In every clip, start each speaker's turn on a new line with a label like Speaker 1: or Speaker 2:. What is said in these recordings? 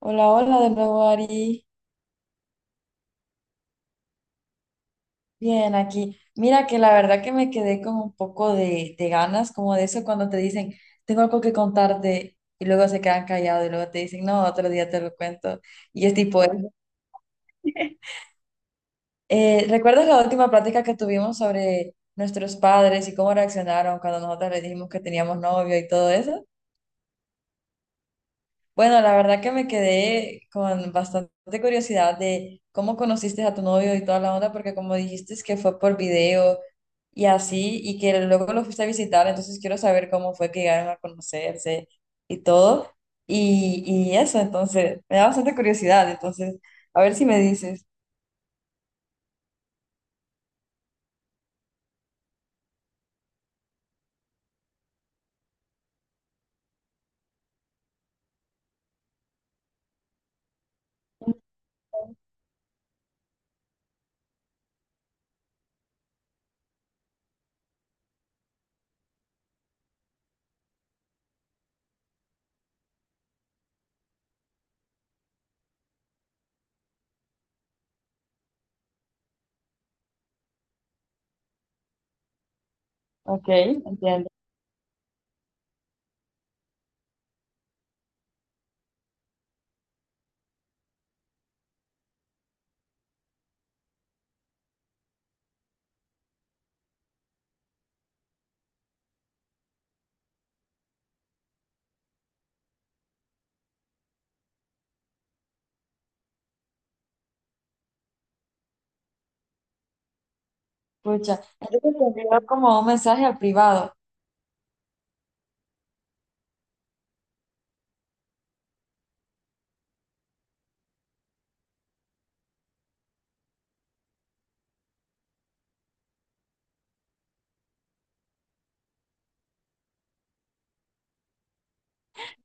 Speaker 1: Hola, hola de nuevo, Ari. Bien, aquí. Mira que la verdad que me quedé con un poco de ganas, como de eso cuando te dicen, tengo algo que contarte, y luego se quedan callados y luego te dicen, no, otro día te lo cuento. Y es tipo, eso. ¿Recuerdas la última plática que tuvimos sobre nuestros padres y cómo reaccionaron cuando nosotros les dijimos que teníamos novio y todo eso? Bueno, la verdad que me quedé con bastante curiosidad de cómo conociste a tu novio y toda la onda, porque como dijiste es que fue por video y así, y que luego lo fuiste a visitar, entonces quiero saber cómo fue que llegaron a conocerse y todo, y eso, entonces, me da bastante curiosidad, entonces, a ver si me dices. Ok, entiendo. Escucha, entonces te envió como un mensaje al privado.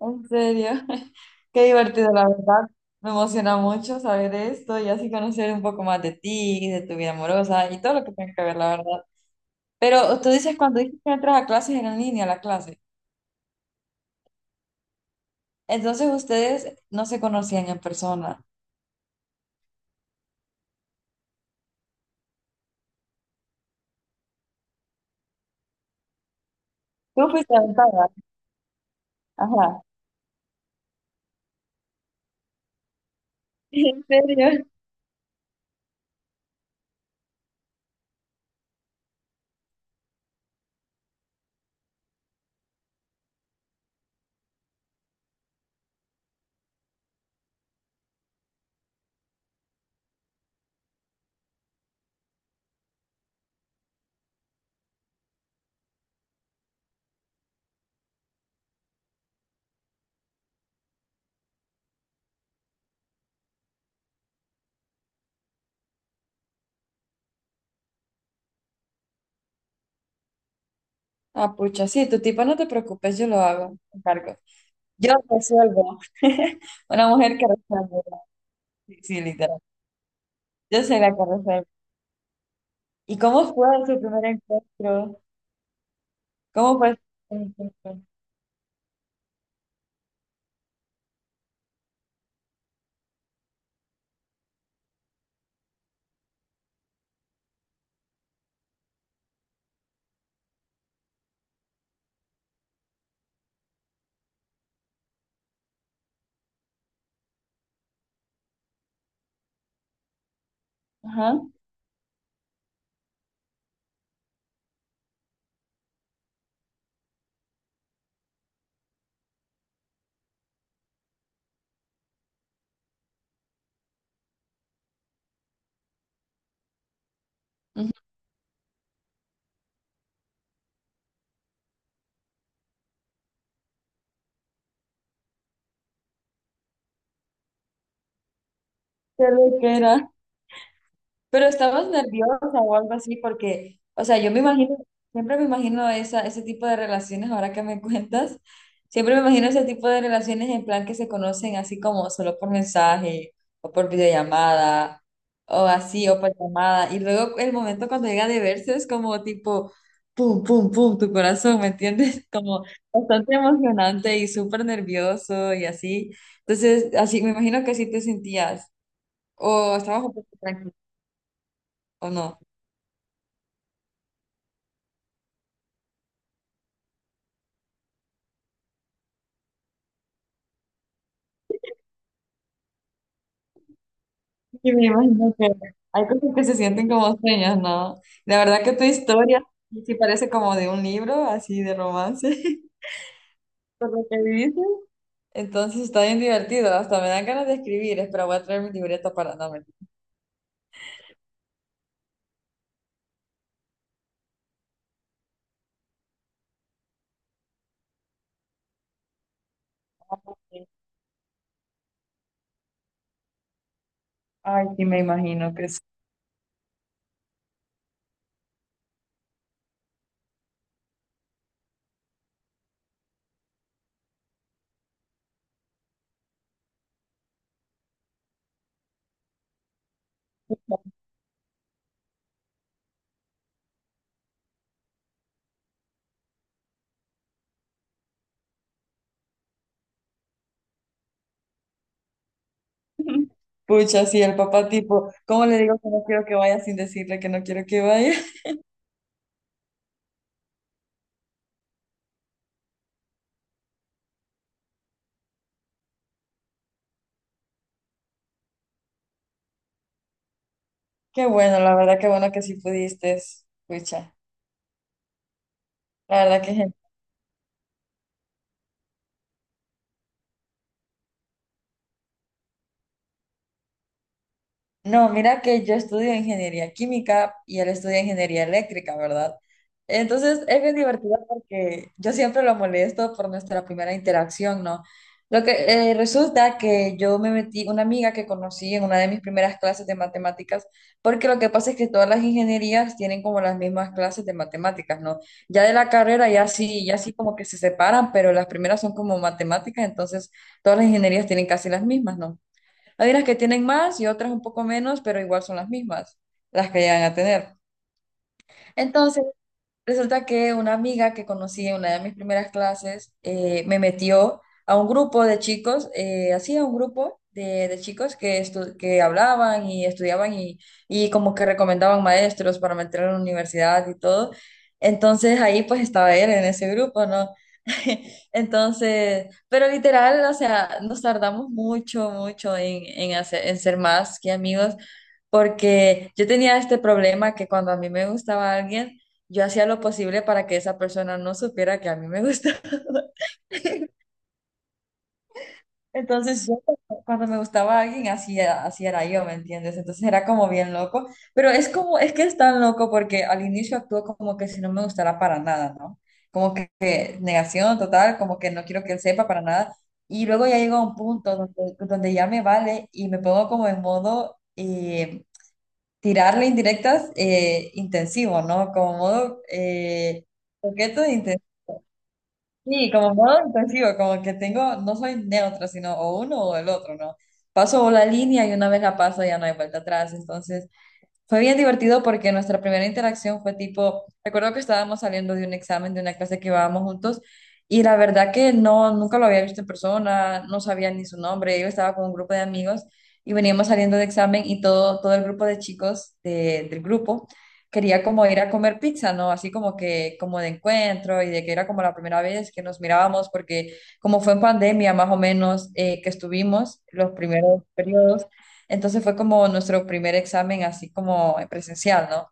Speaker 1: En serio, qué divertido, la verdad. Me emociona mucho saber esto y así conocer un poco más de ti, de tu vida amorosa y todo lo que tenga que ver, la verdad. Pero tú dices cuando dices que entras a clases en línea, la clase. Entonces ustedes no se conocían en persona. Tú fuiste aventada. Ajá. ¿En serio? Ah, pucha, sí, tu tipo no te preocupes, yo lo hago, me encargo. Yo resuelvo. Una mujer que resuelve. Sí, sí, literal. Yo soy la que resuelve. ¿Y cómo fue su primer encuentro? ¿Cómo parece? Ajá. Ujú. ¿Qué era? Pero estabas nerviosa o algo así, porque, o sea, yo me imagino, siempre me imagino esa, ese tipo de relaciones, ahora que me cuentas, siempre me imagino ese tipo de relaciones en plan que se conocen así como solo por mensaje o por videollamada o así, o por llamada. Y luego el momento cuando llega de verse es como tipo, pum, pum, pum, tu corazón, ¿me entiendes? Como bastante emocionante y súper nervioso y así. Entonces, así me imagino que así te sentías o estabas un poco tranquila o no. Y me imagino que hay cosas que se sienten como sueños, ¿no? La verdad que tu historia sí parece como de un libro, así de romance, por lo que dices. Entonces está bien divertido, hasta me dan ganas de escribir, espero voy a traer mi libreta para no mentir. Ay, sí, me imagino que sí. Pucha, sí, el papá tipo, ¿cómo le digo que no quiero que vaya sin decirle que no quiero que vaya? Qué bueno, la verdad, qué bueno que sí pudiste, pucha. La verdad que genial. No, mira que yo estudio ingeniería química y él estudia ingeniería eléctrica, ¿verdad? Entonces es bien divertido porque yo siempre lo molesto por nuestra primera interacción, ¿no? Lo que resulta que yo me metí, una amiga que conocí en una de mis primeras clases de matemáticas, porque lo que pasa es que todas las ingenierías tienen como las mismas clases de matemáticas, ¿no? Ya de la carrera ya sí, ya sí como que se separan, pero las primeras son como matemáticas, entonces todas las ingenierías tienen casi las mismas, ¿no? Hay unas que tienen más y otras un poco menos, pero igual son las mismas, las que llegan a tener. Entonces, resulta que una amiga que conocí en una de mis primeras clases me metió a un grupo de chicos, así a un grupo de chicos que, que hablaban y estudiaban y como que recomendaban maestros para meter a la universidad y todo. Entonces ahí pues estaba él en ese grupo, ¿no? Entonces, pero literal, o sea, nos tardamos mucho, mucho en ser más que amigos porque yo tenía este problema que cuando a mí me gustaba alguien, yo hacía lo posible para que esa persona no supiera que a mí me gustaba. Entonces, yo cuando me gustaba alguien, así era yo, ¿me entiendes? Entonces era como bien loco, pero es como, es que es tan loco porque al inicio actúo como que si no me gustara para nada, ¿no? Como que negación total, como que no quiero que él sepa para nada. Y luego ya llego a un punto donde, donde ya me vale y me pongo como en modo tirarle indirectas intensivo, ¿no? Como modo coqueto e intensivo. Sí, como modo intensivo, como que tengo, no soy neutra, sino o uno o el otro, ¿no? Paso la línea y una vez la paso ya no hay vuelta atrás, entonces... Fue bien divertido porque nuestra primera interacción fue tipo, recuerdo que estábamos saliendo de un examen, de una clase que íbamos juntos, y la verdad que no, nunca lo había visto en persona, no sabía ni su nombre, yo estaba con un grupo de amigos y veníamos saliendo de examen y todo, todo el grupo de chicos del grupo quería como ir a comer pizza, ¿no? Así como que, como de encuentro y de que era como la primera vez que nos mirábamos porque como fue en pandemia más o menos que estuvimos los primeros periodos entonces fue como nuestro primer examen así como en presencial, ¿no?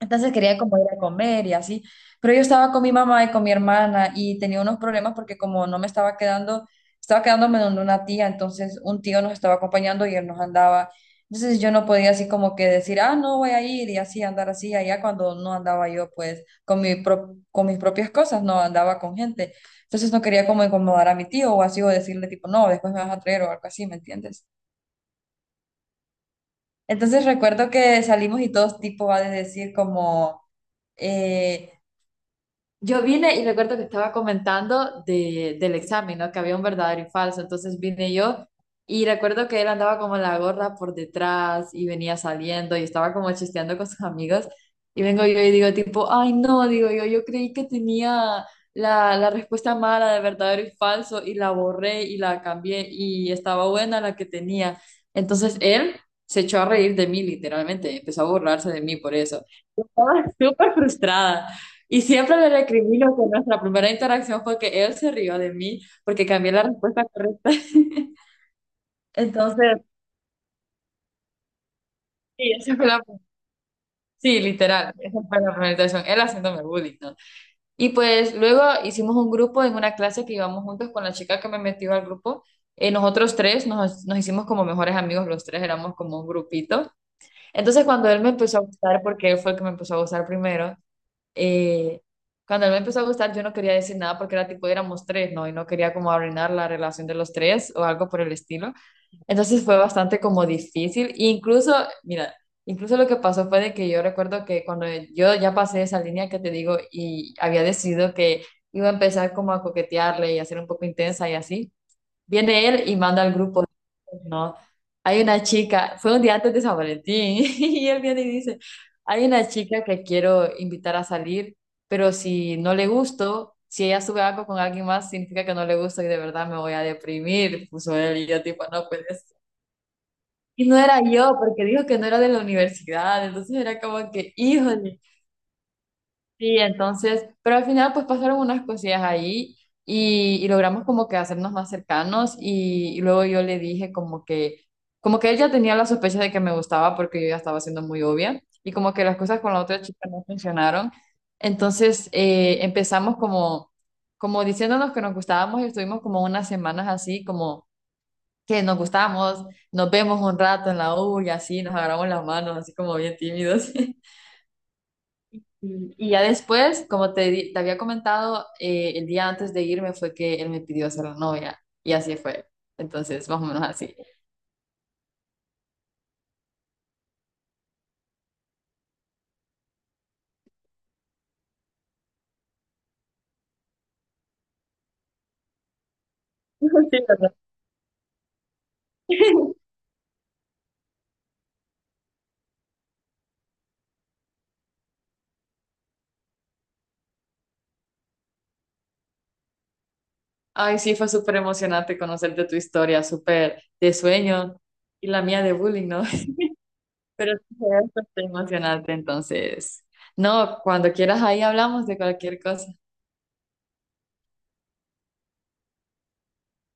Speaker 1: Entonces quería como ir a comer y así, pero yo estaba con mi mamá y con mi hermana y tenía unos problemas porque como no me estaba quedando, estaba quedándome donde una tía, entonces un tío nos estaba acompañando y él nos andaba. Entonces yo no podía así como que decir, ah, no voy a ir y así andar así allá cuando no andaba yo pues con mis propias cosas, no andaba con gente. Entonces no quería como incomodar a mi tío o así o decirle tipo, no, después me vas a traer o algo así, ¿me entiendes? Entonces recuerdo que salimos y todos tipo va a decir como, eh, yo vine y recuerdo que estaba comentando del examen, ¿no? Que había un verdadero y falso. Entonces vine yo y recuerdo que él andaba como la gorra por detrás y venía saliendo y estaba como chisteando con sus amigos. Y vengo yo y digo tipo, ay no, digo yo, yo creí que tenía la respuesta mala de verdadero y falso y la borré y la cambié y estaba buena la que tenía. Entonces él se echó a reír de mí literalmente, empezó a burlarse de mí por eso. Estaba súper frustrada. Y siempre le recrimino que nuestra primera interacción fue que él se rió de mí porque cambié la respuesta correcta. Entonces, sí, sí, literal, esa fue la primera interacción, él haciéndome bullying, ¿no? Y pues luego hicimos un grupo en una clase que íbamos juntos con la chica que me metió al grupo. Nosotros tres nos hicimos como mejores amigos, los tres éramos como un grupito. Entonces cuando él me empezó a gustar, porque él fue el que me empezó a gustar primero, eh, cuando él me empezó a gustar, yo no quería decir nada porque era tipo, éramos tres, ¿no? Y no quería como arruinar la relación de los tres o algo por el estilo. Entonces fue bastante como difícil. E incluso, mira, incluso lo que pasó fue de que yo recuerdo que cuando yo ya pasé esa línea que te digo y había decidido que iba a empezar como a coquetearle y a ser un poco intensa y así. Viene él y manda al grupo, no, hay una chica, fue un día antes de San Valentín, y él viene y dice, hay una chica que quiero invitar a salir, pero si no le gusto, si ella sube algo con alguien más, significa que no le gusto y de verdad me voy a deprimir, puso él y yo tipo, no puedes. Y no era yo, porque dijo que no era de la universidad, entonces era como que, híjole. Sí, entonces, pero al final pues pasaron unas cosillas ahí y logramos como que hacernos más cercanos y luego yo le dije como que él ya tenía la sospecha de que me gustaba porque yo ya estaba siendo muy obvia y como que las cosas con la otra chica no funcionaron. Entonces empezamos como, como diciéndonos que nos gustábamos y estuvimos como unas semanas así como que nos gustamos, nos vemos un rato en la U y así, nos agarramos las manos así como bien tímidos. Y y ya después, como te, te había comentado, el día antes de irme fue que él me pidió ser la novia y así fue. Entonces, más o menos así. Sí, ¿verdad? Ay, sí, fue súper emocionante conocerte tu historia, súper de sueño y la mía de bullying, ¿no? Pero sí, fue bastante emocionante, entonces. No, cuando quieras ahí hablamos de cualquier cosa.